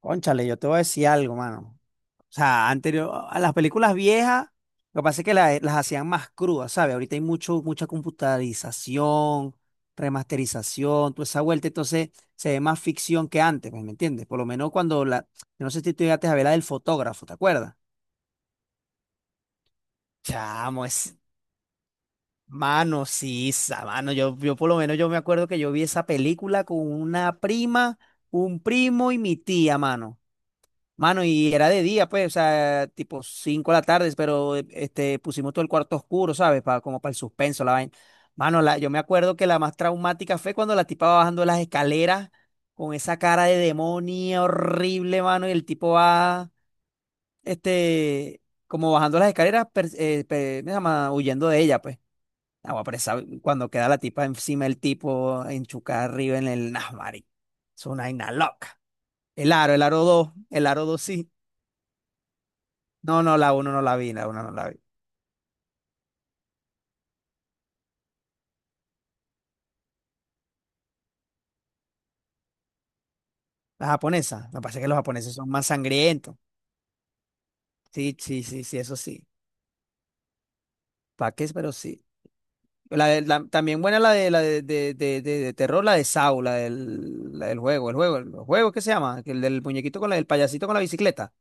Cónchale, yo te voy a decir algo, mano. O sea, anterior a las películas viejas, lo que pasa es que las hacían más crudas, ¿sabes? Ahorita hay mucha computarización, remasterización, toda esa vuelta, entonces se ve más ficción que antes, pues, ¿me entiendes? Por lo menos yo no sé si tú llegaste a ver la del fotógrafo, ¿te acuerdas? Chamo, es, mano, sí, esa, mano, yo por lo menos yo me acuerdo que yo vi esa película con una prima, un primo y mi tía, mano. Mano, y era de día, pues, o sea, tipo 5 de la tarde, pero pusimos todo el cuarto oscuro, ¿sabes? Como para el suspenso, la vaina. Mano, yo me acuerdo que la más traumática fue cuando la tipa va bajando las escaleras con esa cara de demonio horrible, mano, y el tipo va, este, como bajando las escaleras, ¿cómo se llama? Huyendo de ella, pues. Agua, pero cuando queda la tipa encima del tipo, enchucada arriba en el Nasmari. Es una vaina loca. El aro dos, el aro 2. No, no, la uno no la vi, la uno no la vi. La japonesa, me parece que los japoneses son más sangrientos. Sí, sí, sí, sí, eso sí. ¿Para qué? Pero sí. También buena la de de terror, la de Saw, la del juego, el juego, ¿qué se llama? El del muñequito con el payasito con la bicicleta.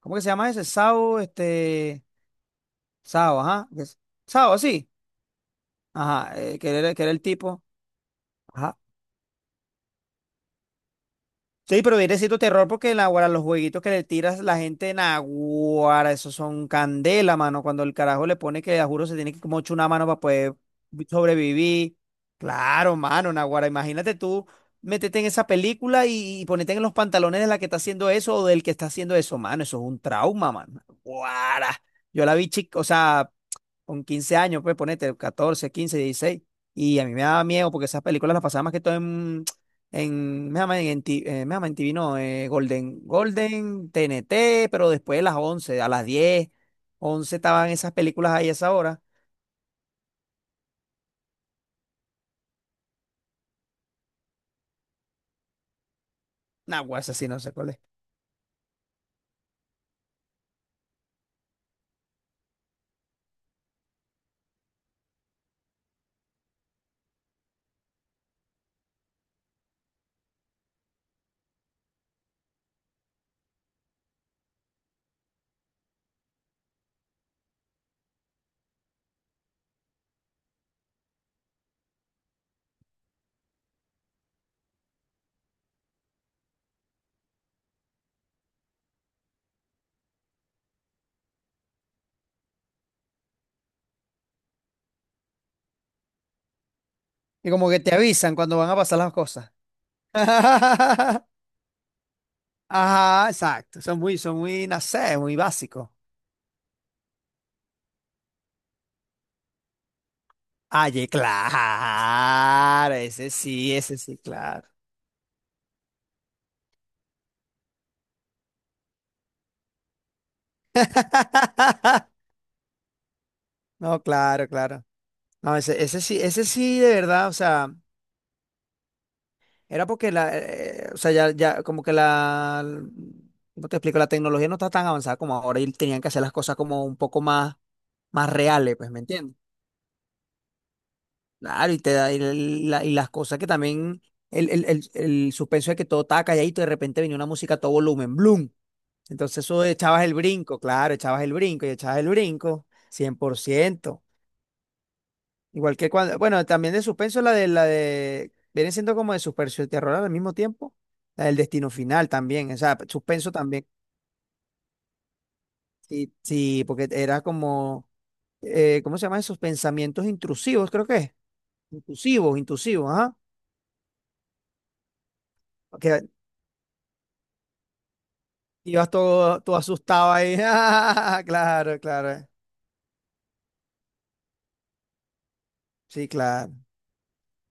¿Cómo que se llama ese? Saw, Saw, ajá. Saw, sí. Ajá, que era el tipo. Sí, pero viene siendo terror porque naguará, los jueguitos que le tiras la gente naguará, esos son candela, mano. Cuando el carajo le pone que, a juro, se tiene que como echar una mano para poder sobrevivir. Claro, mano, naguará. Imagínate tú meterte en esa película y ponerte en los pantalones de la que está haciendo eso o del que está haciendo eso, mano. Eso es un trauma, mano. Naguará. Yo la vi chica, o sea con 15 años, pues ponete 14 15 dieciséis. Y a mí me daba miedo porque esas películas las pasaba más que todo me llaman me llaman en TV, no, Golden, Golden, TNT, pero después de las 10 11 estaban esas películas ahí a esa hora. Nah, güey, esa sí no sé cuál es. Y como que te avisan cuando van a pasar las cosas. Ajá, exacto. Son muy, no sé, muy básicos. Ay, claro, ese sí, claro. No, claro, claro. No, ese, ese sí, de verdad, o sea, era porque o sea, ya, ya, como que ¿cómo te explico? La tecnología no está tan avanzada como ahora y tenían que hacer las cosas como un poco más, más reales, pues, ¿me entiendes? Claro, y te da, y, la- y las cosas que también, el suspenso de que todo estaba calladito y de repente venía una música a todo volumen, ¡bloom! Entonces eso echabas el brinco, claro, echabas el brinco y echabas el brinco, 100%. Igual que cuando, bueno, también de suspenso la de viene siendo como de suspenso y terror al mismo tiempo, la del destino final también, o sea, suspenso también. Sí, sí, porque era como ¿cómo se llama esos pensamientos intrusivos? Creo que es. Intrusivos, intrusivos, ajá. Que ibas todo asustado ahí. Ah, claro, claro. Sí, claro.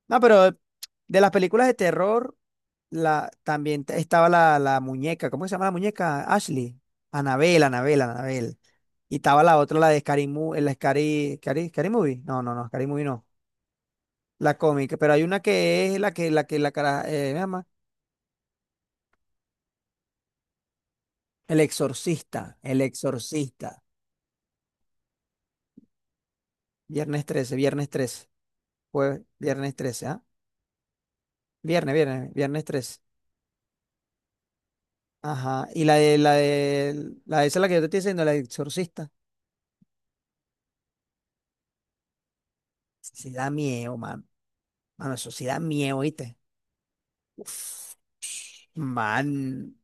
No, pero de las películas de terror, también estaba la muñeca. ¿Cómo se llama la muñeca? Ashley. Anabel, Anabel, Anabel. Y estaba la otra, la de Scary Movie, Scary Movie. No, no, no, Scary Movie no. La cómica, pero hay una que es la que, la cara, ¿me llama? El Exorcista, El Exorcista. Viernes 13, jueves, viernes trece, ¿ah? Viernes 13. Ajá. Y la de esa es la que yo te estoy diciendo, la de Exorcista. Sí da miedo, man. Mano, eso sí da miedo, ¿viste? Uf, man.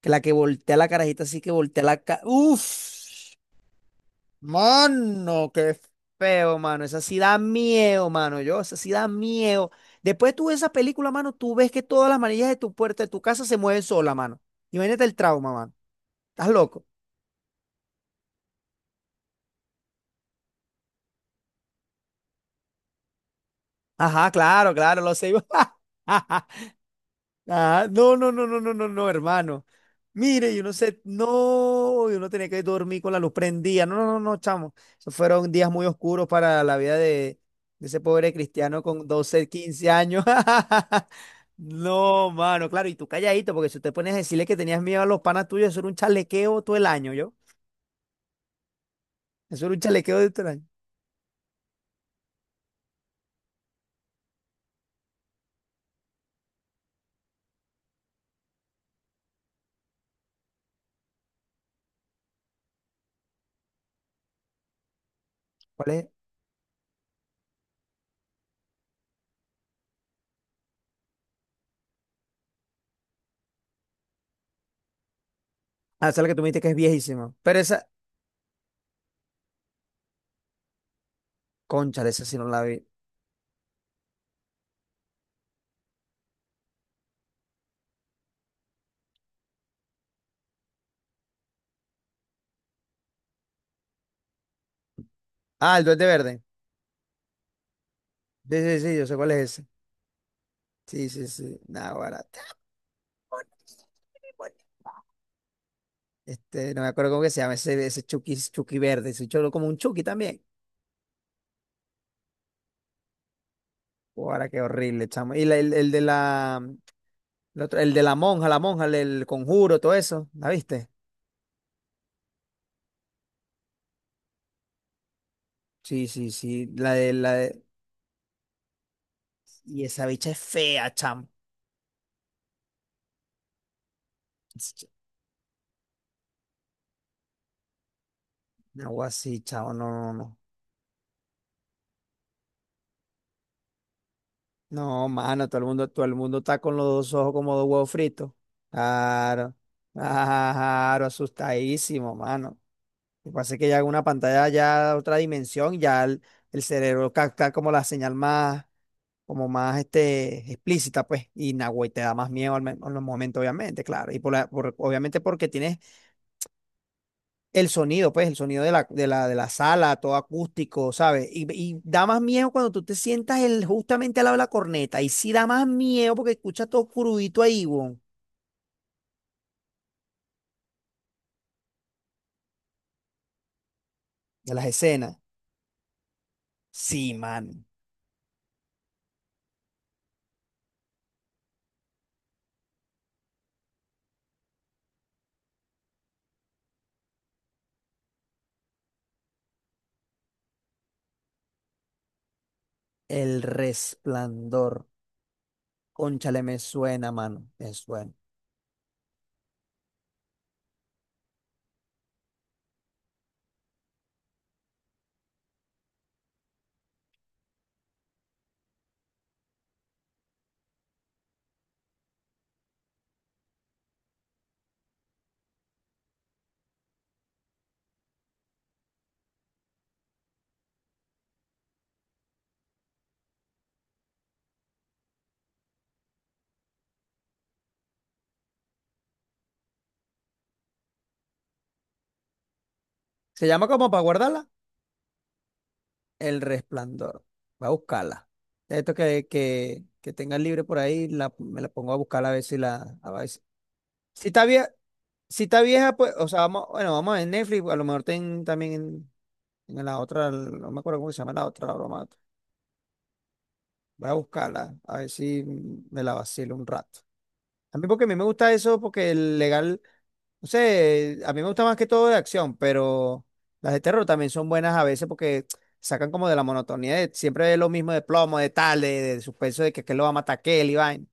Que la que voltea la carajita así que voltea la cara. Uf. Mano, qué feo, mano. Esa sí da miedo, mano. Yo, esa sí da miedo. Después tú ves esa película, mano, tú ves que todas las manillas de tu puerta, de tu casa se mueven sola, mano. Imagínate el trauma, mano. ¿Estás loco? Ajá, claro, claro, lo sé. Ah, no, no, no, no, no, no, no, hermano. Mire, yo no sé, no, yo no tenía que dormir con la luz prendida. No, no, no, no, chamo. Esos fueron días muy oscuros para la vida de ese pobre cristiano con 12, 15 años. No, mano, claro, y tú calladito, porque si te pones a decirle que tenías miedo a los panas tuyos, eso era un chalequeo todo el año, ¿yo? Eso era un chalequeo de todo el año. ¿Cuál es? Ah, esa es la que tú me dijiste que es viejísima. Pero esa, concha, esa sí no la vi. Ah, el Duende Verde. Sí, sí, sí, yo sé cuál es ese. Sí, sí, sí. Nada, no me acuerdo cómo que se llama ese, ese Chucky, Chucky verde, ese cholo como un Chucky también. Ahora qué horrible, chamo. Y el de el de la monja, el del conjuro, todo eso, ¿la viste? Sí, sí, sí, y esa bicha es fea, chamo. Algo así, chavo, no, no, no. No, mano, todo el mundo está con los dos ojos como dos huevos fritos. Claro, claro, asustadísimo, mano. Lo que pasa es que ya una pantalla ya otra dimensión, ya el cerebro capta como la señal más, como más explícita, pues, y Nahuatl te da más miedo en los momentos, obviamente, claro. Obviamente porque tienes el sonido, pues, el sonido de de la sala, todo acústico, ¿sabes? Y da más miedo cuando tú te sientas justamente al lado de la corneta. Y sí da más miedo porque escuchas todo crudito ahí, weón, de las escenas. Sí, man. El resplandor. Cónchale, me suena, mano. Me suena. Se llama como para guardarla. El Resplandor. Va a buscarla. Esto que tenga libre por ahí, me la pongo a buscar a ver si la... A ver si, si está vieja, si está vieja, pues, o sea, vamos, bueno, vamos a ver Netflix, a lo mejor ten también en la otra, no me acuerdo cómo se llama la otra, la broma. Voy a buscarla, a ver si me la vacilo un rato. A mí porque a mí me gusta eso, porque el legal. No sé, a mí me gusta más que todo de acción, pero las de terror también son buenas a veces porque sacan como de la monotonía de siempre lo mismo de plomo, de tal, de suspenso de que lo va a matar aquel y vaina.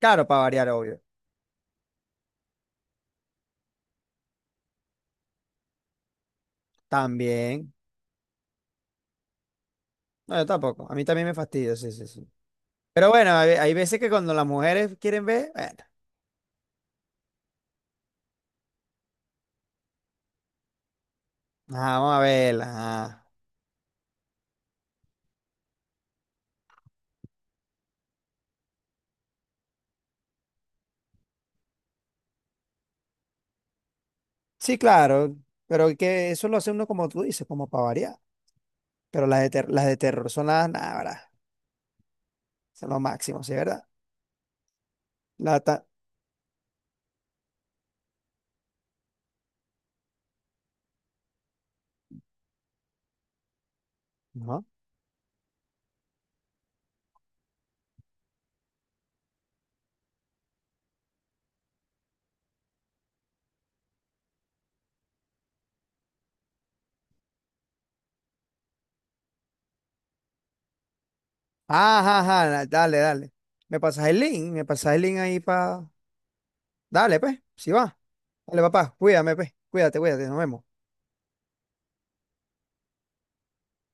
Claro, para variar, obvio. También. No, yo tampoco. A mí también me fastidia, sí, sí, sí. Pero bueno, hay veces que cuando las mujeres quieren ver, bueno, ajá, vamos a verlas. Ajá. Sí, claro, pero que eso lo hace uno como tú dices, como para variar. Pero las de, las de terror son las, nada, son lo máximo, ¿sí, verdad? La ta- Ajá. Ajá, ajá, dale, dale. Me pasas el link, ahí para... Dale, pues, si va. Dale, papá, cuídame, pues. Cuídate, cuídate, nos vemos.